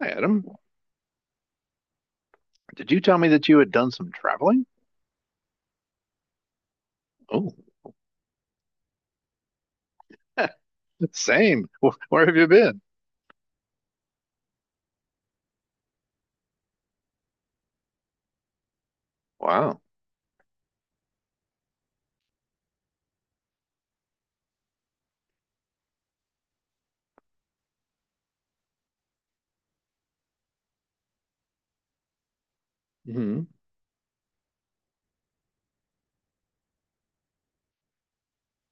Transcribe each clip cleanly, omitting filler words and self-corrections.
Hi, Adam. Did you tell me that you had done some traveling? Oh, same. Where have you been? Wow. Hmm.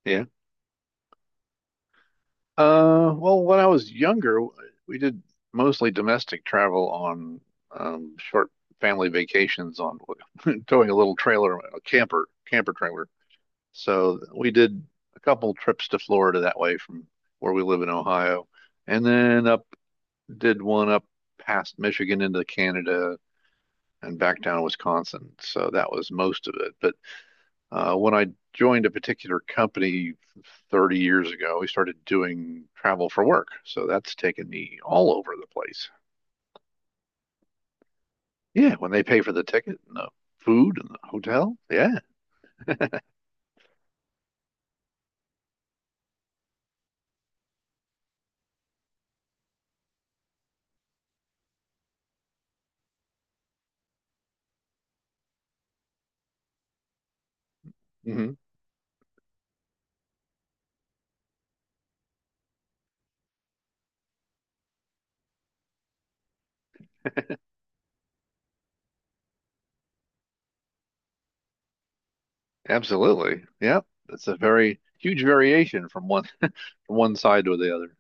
Yeah. Well, when I was younger, we did mostly domestic travel on short family vacations on towing a little trailer, a camper trailer. So we did a couple trips to Florida that way from where we live in Ohio, and then up did one up past Michigan into Canada and back down to Wisconsin. So that was most of it. But when I joined a particular company 30 years ago, we started doing travel for work. So that's taken me all over the place. Yeah, when they pay for the ticket and the food and the hotel. Yeah. Hmm, absolutely. Yeah, that's a very huge variation from one from one side to the other.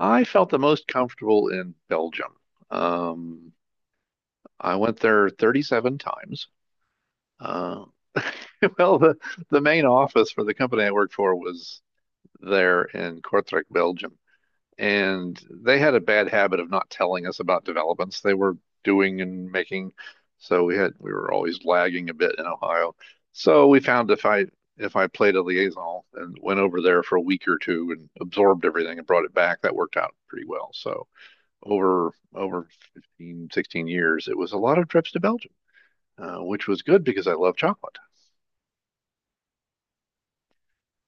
I felt the most comfortable in Belgium. Um, I went there 37 times. Uh, well, the main office for the company I worked for was there in Kortrijk, Belgium. And they had a bad habit of not telling us about developments they were doing and making. So we were always lagging a bit in Ohio. So we found if I played a liaison and went over there for a week or two and absorbed everything and brought it back, that worked out pretty well. So over 15, 16 years, it was a lot of trips to Belgium, which was good because I love chocolate.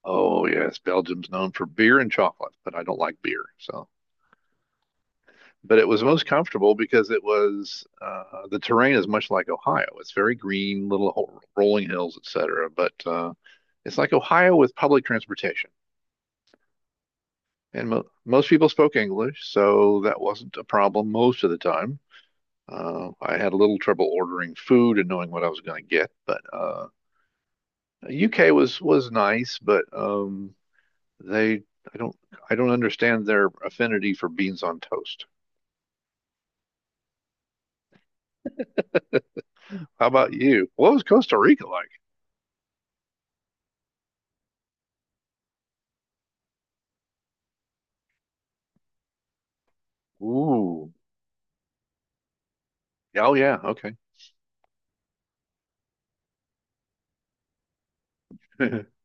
Oh, yes, Belgium's known for beer and chocolate, but I don't like beer. But it was most comfortable because it was the terrain is much like Ohio. It's very green, little rolling hills, etc. But it's like Ohio with public transportation, and mo most people spoke English, so that wasn't a problem most of the time. I had a little trouble ordering food and knowing what I was going to get, but UK was nice, but They, I don't, I don't understand their affinity for beans on toast. How about you? What was Costa Rica like? Ooh. Oh yeah. Okay.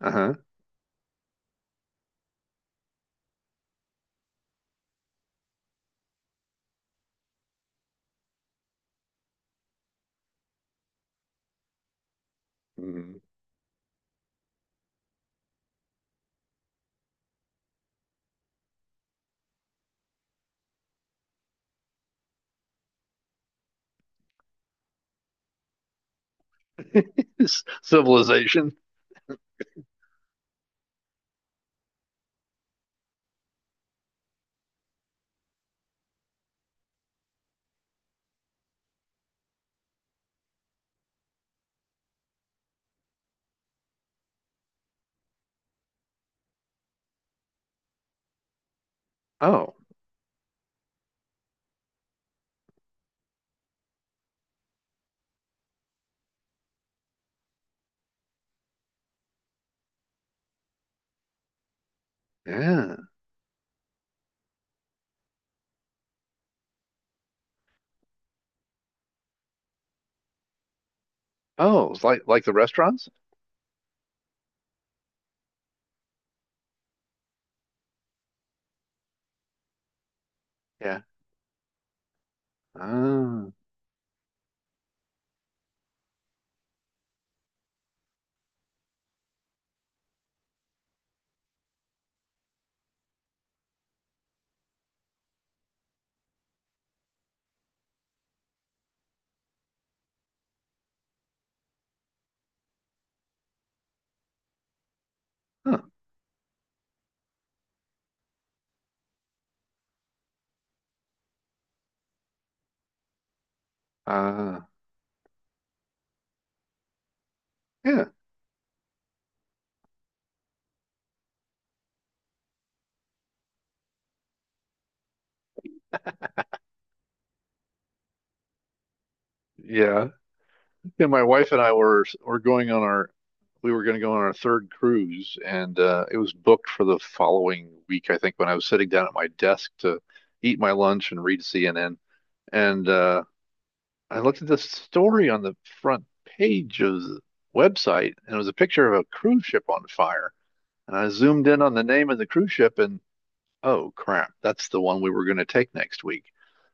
Uh-huh. Mhm. It's civilization. Oh yeah. Oh, it's like the restaurants. Yeah. Ah. Huh. Ah. Yeah. Yeah. Yeah, my wife and I were going on our we were going to go on our third cruise, and it was booked for the following week. I think when I was sitting down at my desk to eat my lunch and read CNN, and I looked at this story on the front page of the website, and it was a picture of a cruise ship on fire. And I zoomed in on the name of the cruise ship, and oh crap, that's the one we were going to take next week.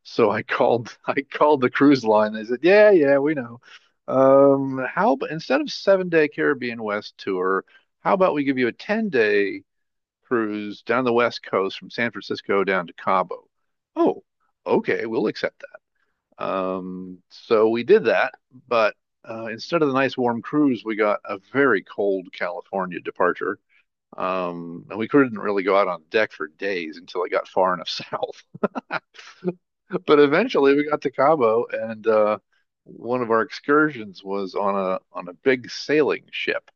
So I called I called the cruise line. They said, yeah, yeah, we know. How about instead of 7-day Caribbean West tour, how about we give you a 10-day day cruise down the West Coast from San Francisco down to Cabo? Oh, okay, we'll accept that. So we did that, but instead of the nice warm cruise, we got a very cold California departure. And we couldn't really go out on deck for days until it got far enough south, but eventually we got to Cabo, and one of our excursions was on a big sailing ship,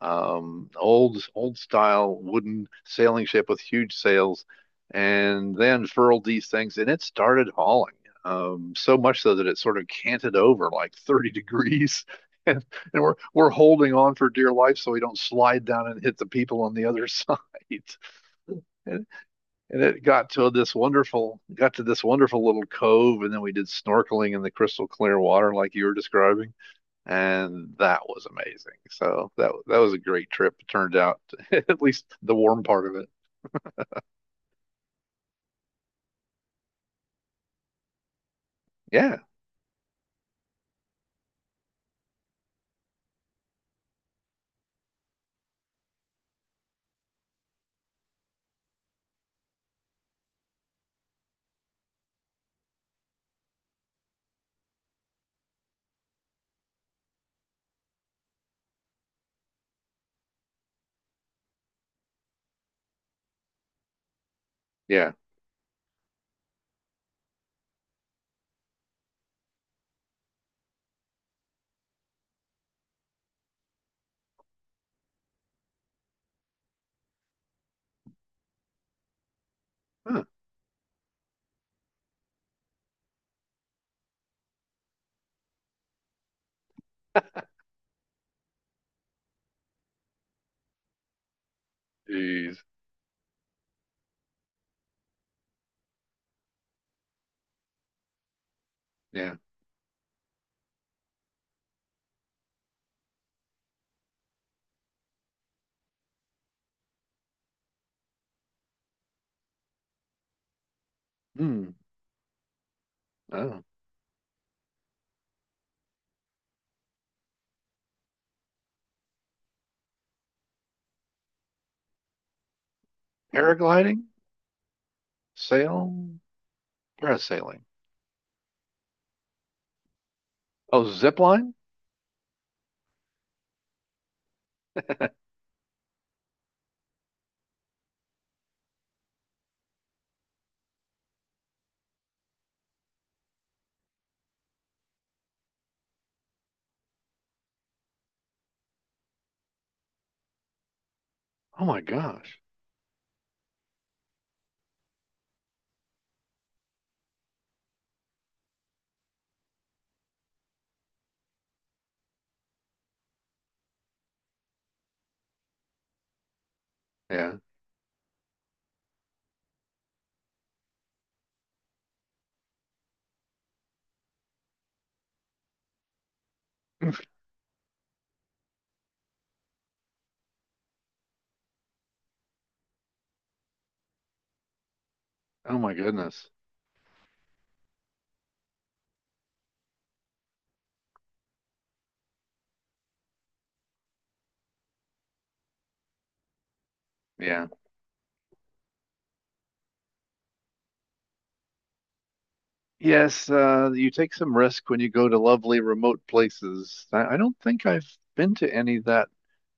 old style wooden sailing ship with huge sails, and they unfurled these things, and it started hauling. So much so that it sort of canted over like 30 degrees. And, and we're holding on for dear life so we don't slide down and hit the people on the other side. And and it got to this wonderful got to this wonderful little cove, and then we did snorkeling in the crystal clear water like you were describing, and that was amazing, so that was a great trip, it turned out, at least the warm part of it. Yeah. Yeah. Huh. Jeez. Yeah. Hmm. Oh, paragliding. Sail. Parasailing. Oh, zip line. Oh my gosh. Yeah. Oh my goodness. Yeah. Yes, you take some risk when you go to lovely remote places. I don't think I've been to any that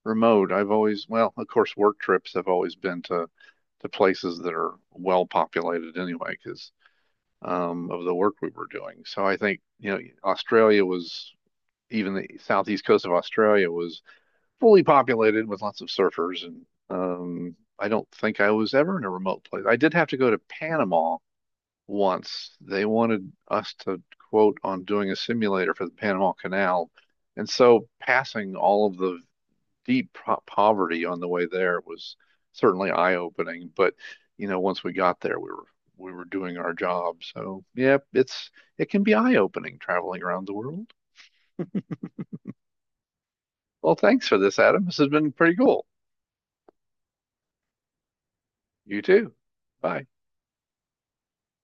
remote. I've always, well, of course, work trips have always been to places that are well populated anyway, because of the work we were doing. So I think, Australia was even the southeast coast of Australia was fully populated with lots of surfers, and I don't think I was ever in a remote place. I did have to go to Panama once. They wanted us to quote on doing a simulator for the Panama Canal. And so passing all of the deep poverty on the way there was certainly eye-opening. But, once we got there, we were doing our job. So, yeah, it can be eye-opening traveling around the world. Well, thanks for this, Adam. This has been pretty cool. You too. Bye.